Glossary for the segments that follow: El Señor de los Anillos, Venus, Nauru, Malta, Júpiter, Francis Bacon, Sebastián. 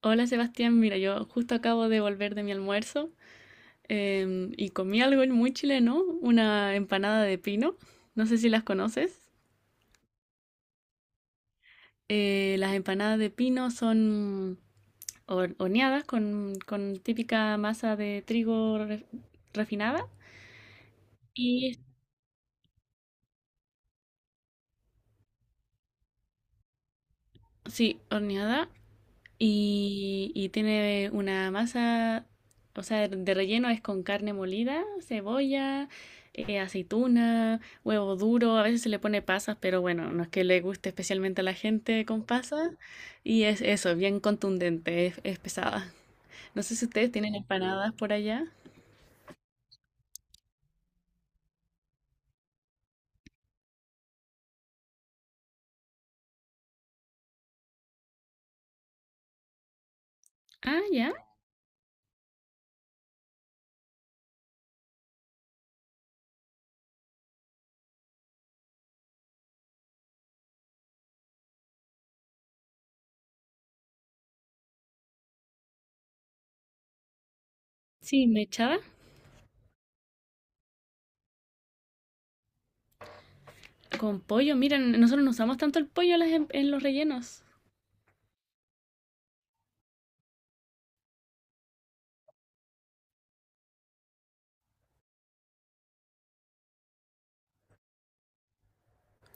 Hola Sebastián, mira, yo justo acabo de volver de mi almuerzo y comí algo muy chileno, una empanada de pino. No sé si las conoces. Las empanadas de pino son horneadas con típica masa de trigo refinada. Y sí, horneada. Y tiene una masa, o sea, de relleno es con carne molida, cebolla, aceituna, huevo duro, a veces se le pone pasas, pero bueno, no es que le guste especialmente a la gente con pasas. Y es eso, bien contundente, es pesada. No sé si ustedes tienen empanadas por allá. Ah, ya, sí, me echaba con pollo. Miren, nosotros no usamos tanto el pollo en, en los rellenos.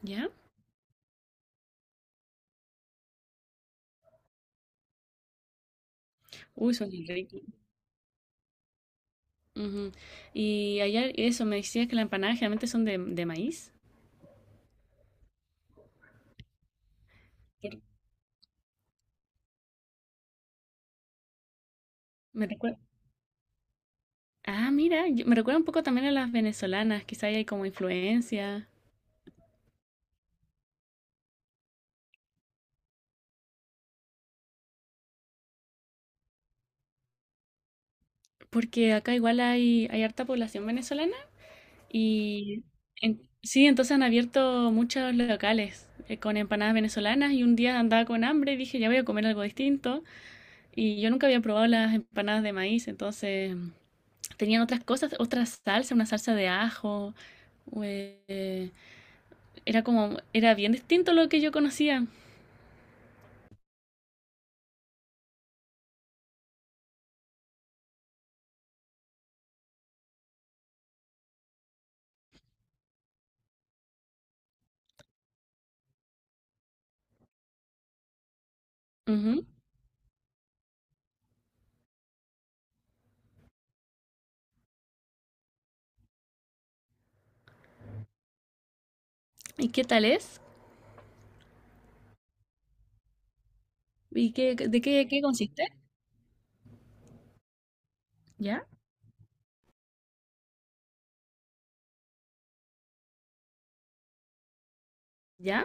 ¿Ya? Uy, son ricos. Ujú. Y allá eso, me decías que las empanadas generalmente son de maíz. Sí. Me recuerda. Ah, mira, me recuerda un poco también a las venezolanas, quizá ahí hay como influencia. Porque acá igual hay, hay harta población venezolana y sí, entonces han abierto muchos locales con empanadas venezolanas y un día andaba con hambre y dije, ya voy a comer algo distinto. Y yo nunca había probado las empanadas de maíz, entonces tenían otras cosas, otra salsa, una salsa de ajo. Era bien distinto a lo que yo conocía. Ujú. ¿Y qué tal es? ¿Y qué, de qué, qué consiste? ¿Ya? ¿Ya?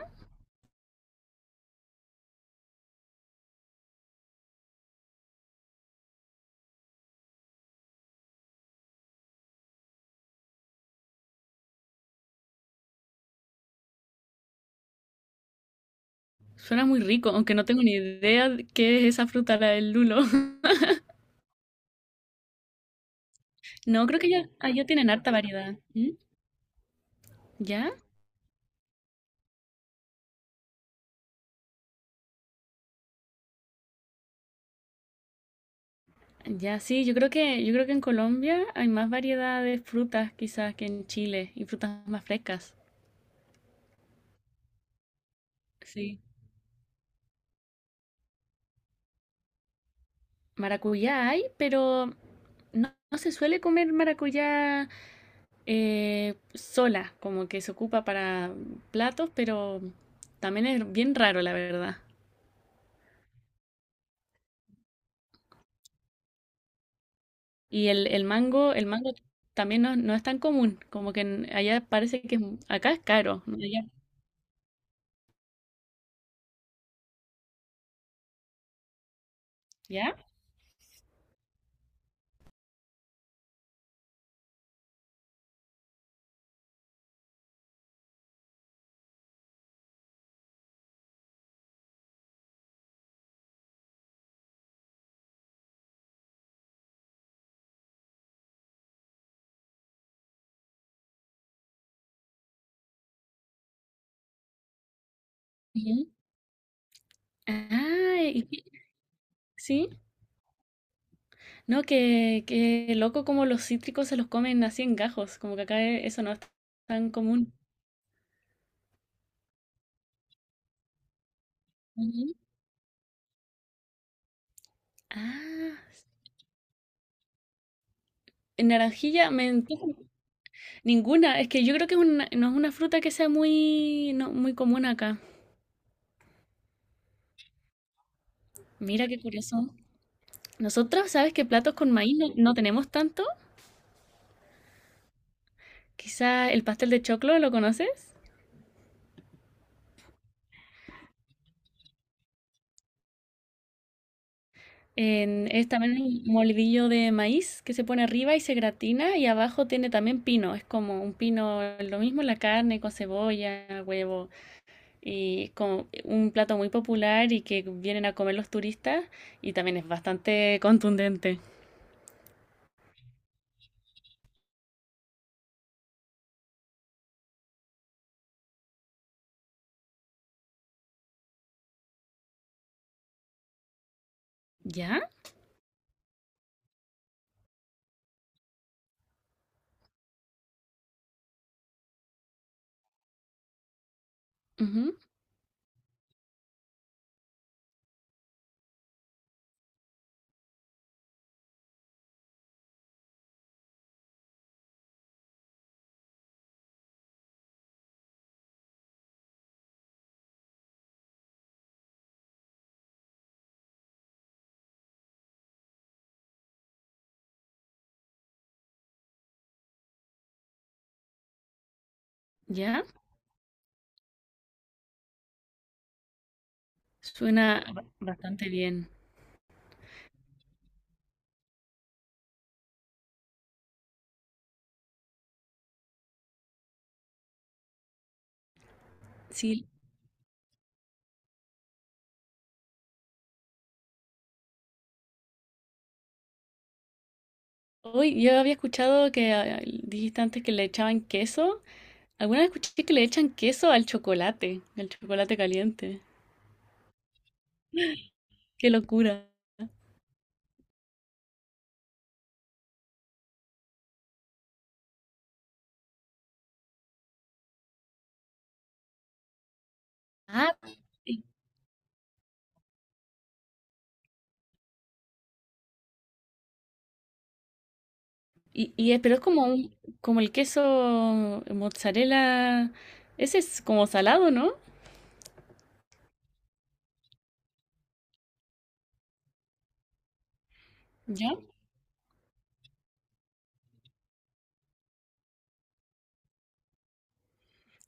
Suena muy rico, aunque no tengo ni idea de qué es esa fruta, la del lulo. No, creo que ya, allá tienen harta variedad. ¿Mm? ¿Ya? Ya, sí, yo creo que en Colombia hay más variedad de frutas quizás que en Chile y frutas más frescas. Sí. Maracuyá hay, pero no, no se suele comer maracuyá sola, como que se ocupa para platos, pero también es bien raro, la verdad. Y el mango también no, no es tan común, como que allá parece que es, acá es caro, ¿no? Allá- ¿ya? Ujú. Ah, sí, no, que loco como los cítricos se los comen así en gajos, como que acá eso no es tan común. Ujú. Ah, en naranjilla me Ninguna, es que yo creo que es no es una fruta que sea muy, no, muy común acá. Mira qué curioso. Nosotros, ¿sabes qué platos con maíz no, no tenemos tanto? Quizá el pastel de choclo, ¿lo conoces? Es también un molidillo de maíz que se pone arriba y se gratina y abajo tiene también pino. Es como un pino, lo mismo la carne con cebolla, huevo y como un plato muy popular y que vienen a comer los turistas y también es bastante contundente. ¿Ya? Ujú. ¿Ya? Suena bastante bien. Sí, hoy yo había escuchado que ah, dijiste antes que le echaban queso. Alguna vez escuché que le echan queso al chocolate caliente. Qué locura. Ah, y, y pero es como un, como el queso mozzarella. Ese es como salado, ¿no? ¿Ya?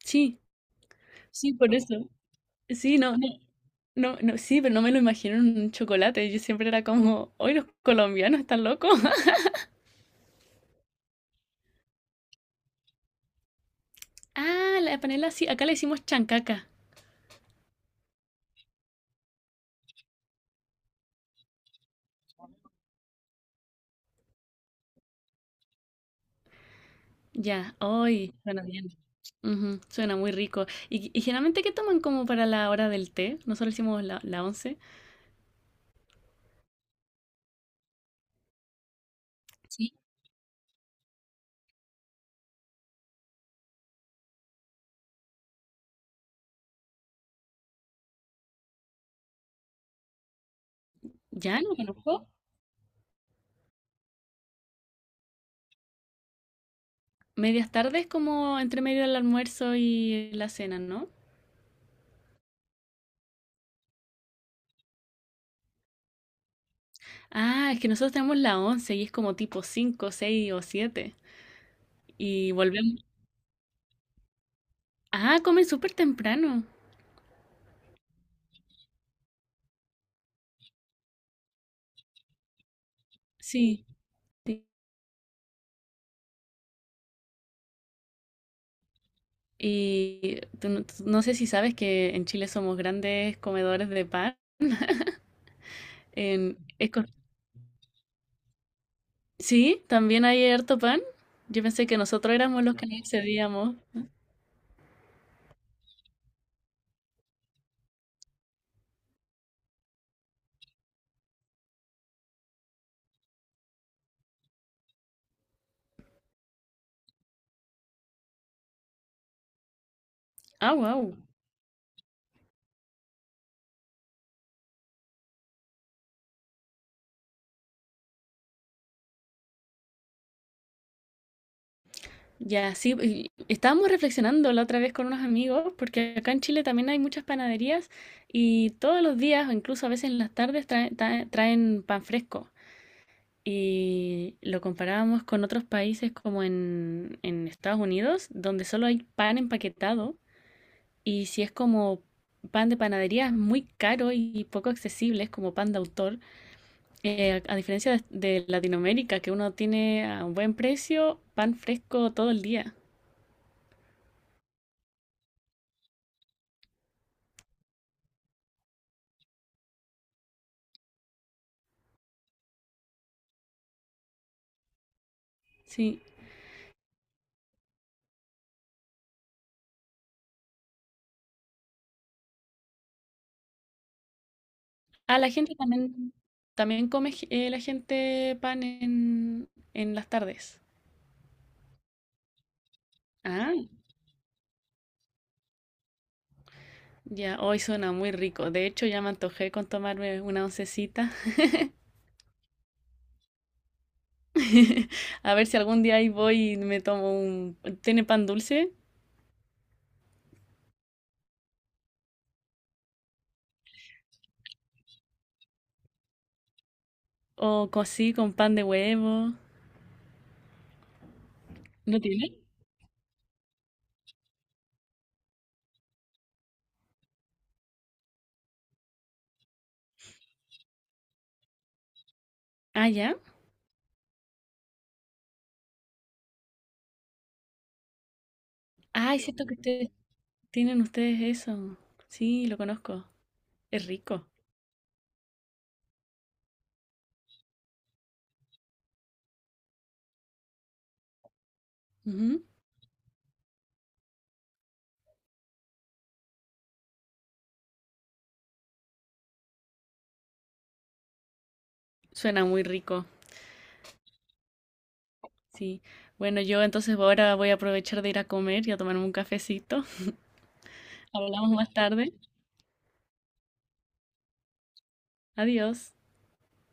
Sí, sí, por eso. Sí, no, sí, pero no me lo imagino en un chocolate. Yo siempre era como, hoy los colombianos están locos. Ah, la panela sí, acá le decimos chancaca. Ya, hoy suena bien. Ujú, suena muy rico. Y generalmente qué toman como para la hora del té? Nosotros hicimos la once. Sí. Ya, no conozco. ¿Medias tardes como entre medio del almuerzo y la cena, no? Ah, es que nosotros tenemos la once y es como tipo 5, 6 o siete. Y volvemos. Ah, comen súper temprano. Sí. Sí. Tú no sé si sabes que en Chile somos grandes comedores de pan. En Esco- Sí, también hay harto pan. Yo pensé que nosotros éramos los que no accedíamos. Ah, wow. Ya, sí, y estábamos reflexionando la otra vez con unos amigos, porque acá en Chile también hay muchas panaderías y todos los días, o incluso a veces en las tardes, traen pan fresco. Y lo comparábamos con otros países como en Estados Unidos, donde solo hay pan empaquetado y si es como pan de panadería es muy caro y poco accesible, es como pan de autor. A diferencia de Latinoamérica, que uno tiene a un buen precio pan fresco todo el día. Sí. Ah, la gente también, también come la gente pan en las tardes. Ah, ya, hoy suena muy rico. De hecho, ya me antojé con tomarme una oncecita. A ver si algún día ahí voy y me tomo un... ¿Tiene pan dulce? ¿O co- así con pan de huevo? ¿No tiene? Ah, ya. Ah, es cierto que ustedes tienen ustedes eso. Sí, lo conozco. Es rico. Ujú. Suena muy rico. Sí. Bueno, yo entonces ahora voy a aprovechar de ir a comer y a tomarme un cafecito. Hablamos más tarde. Adiós.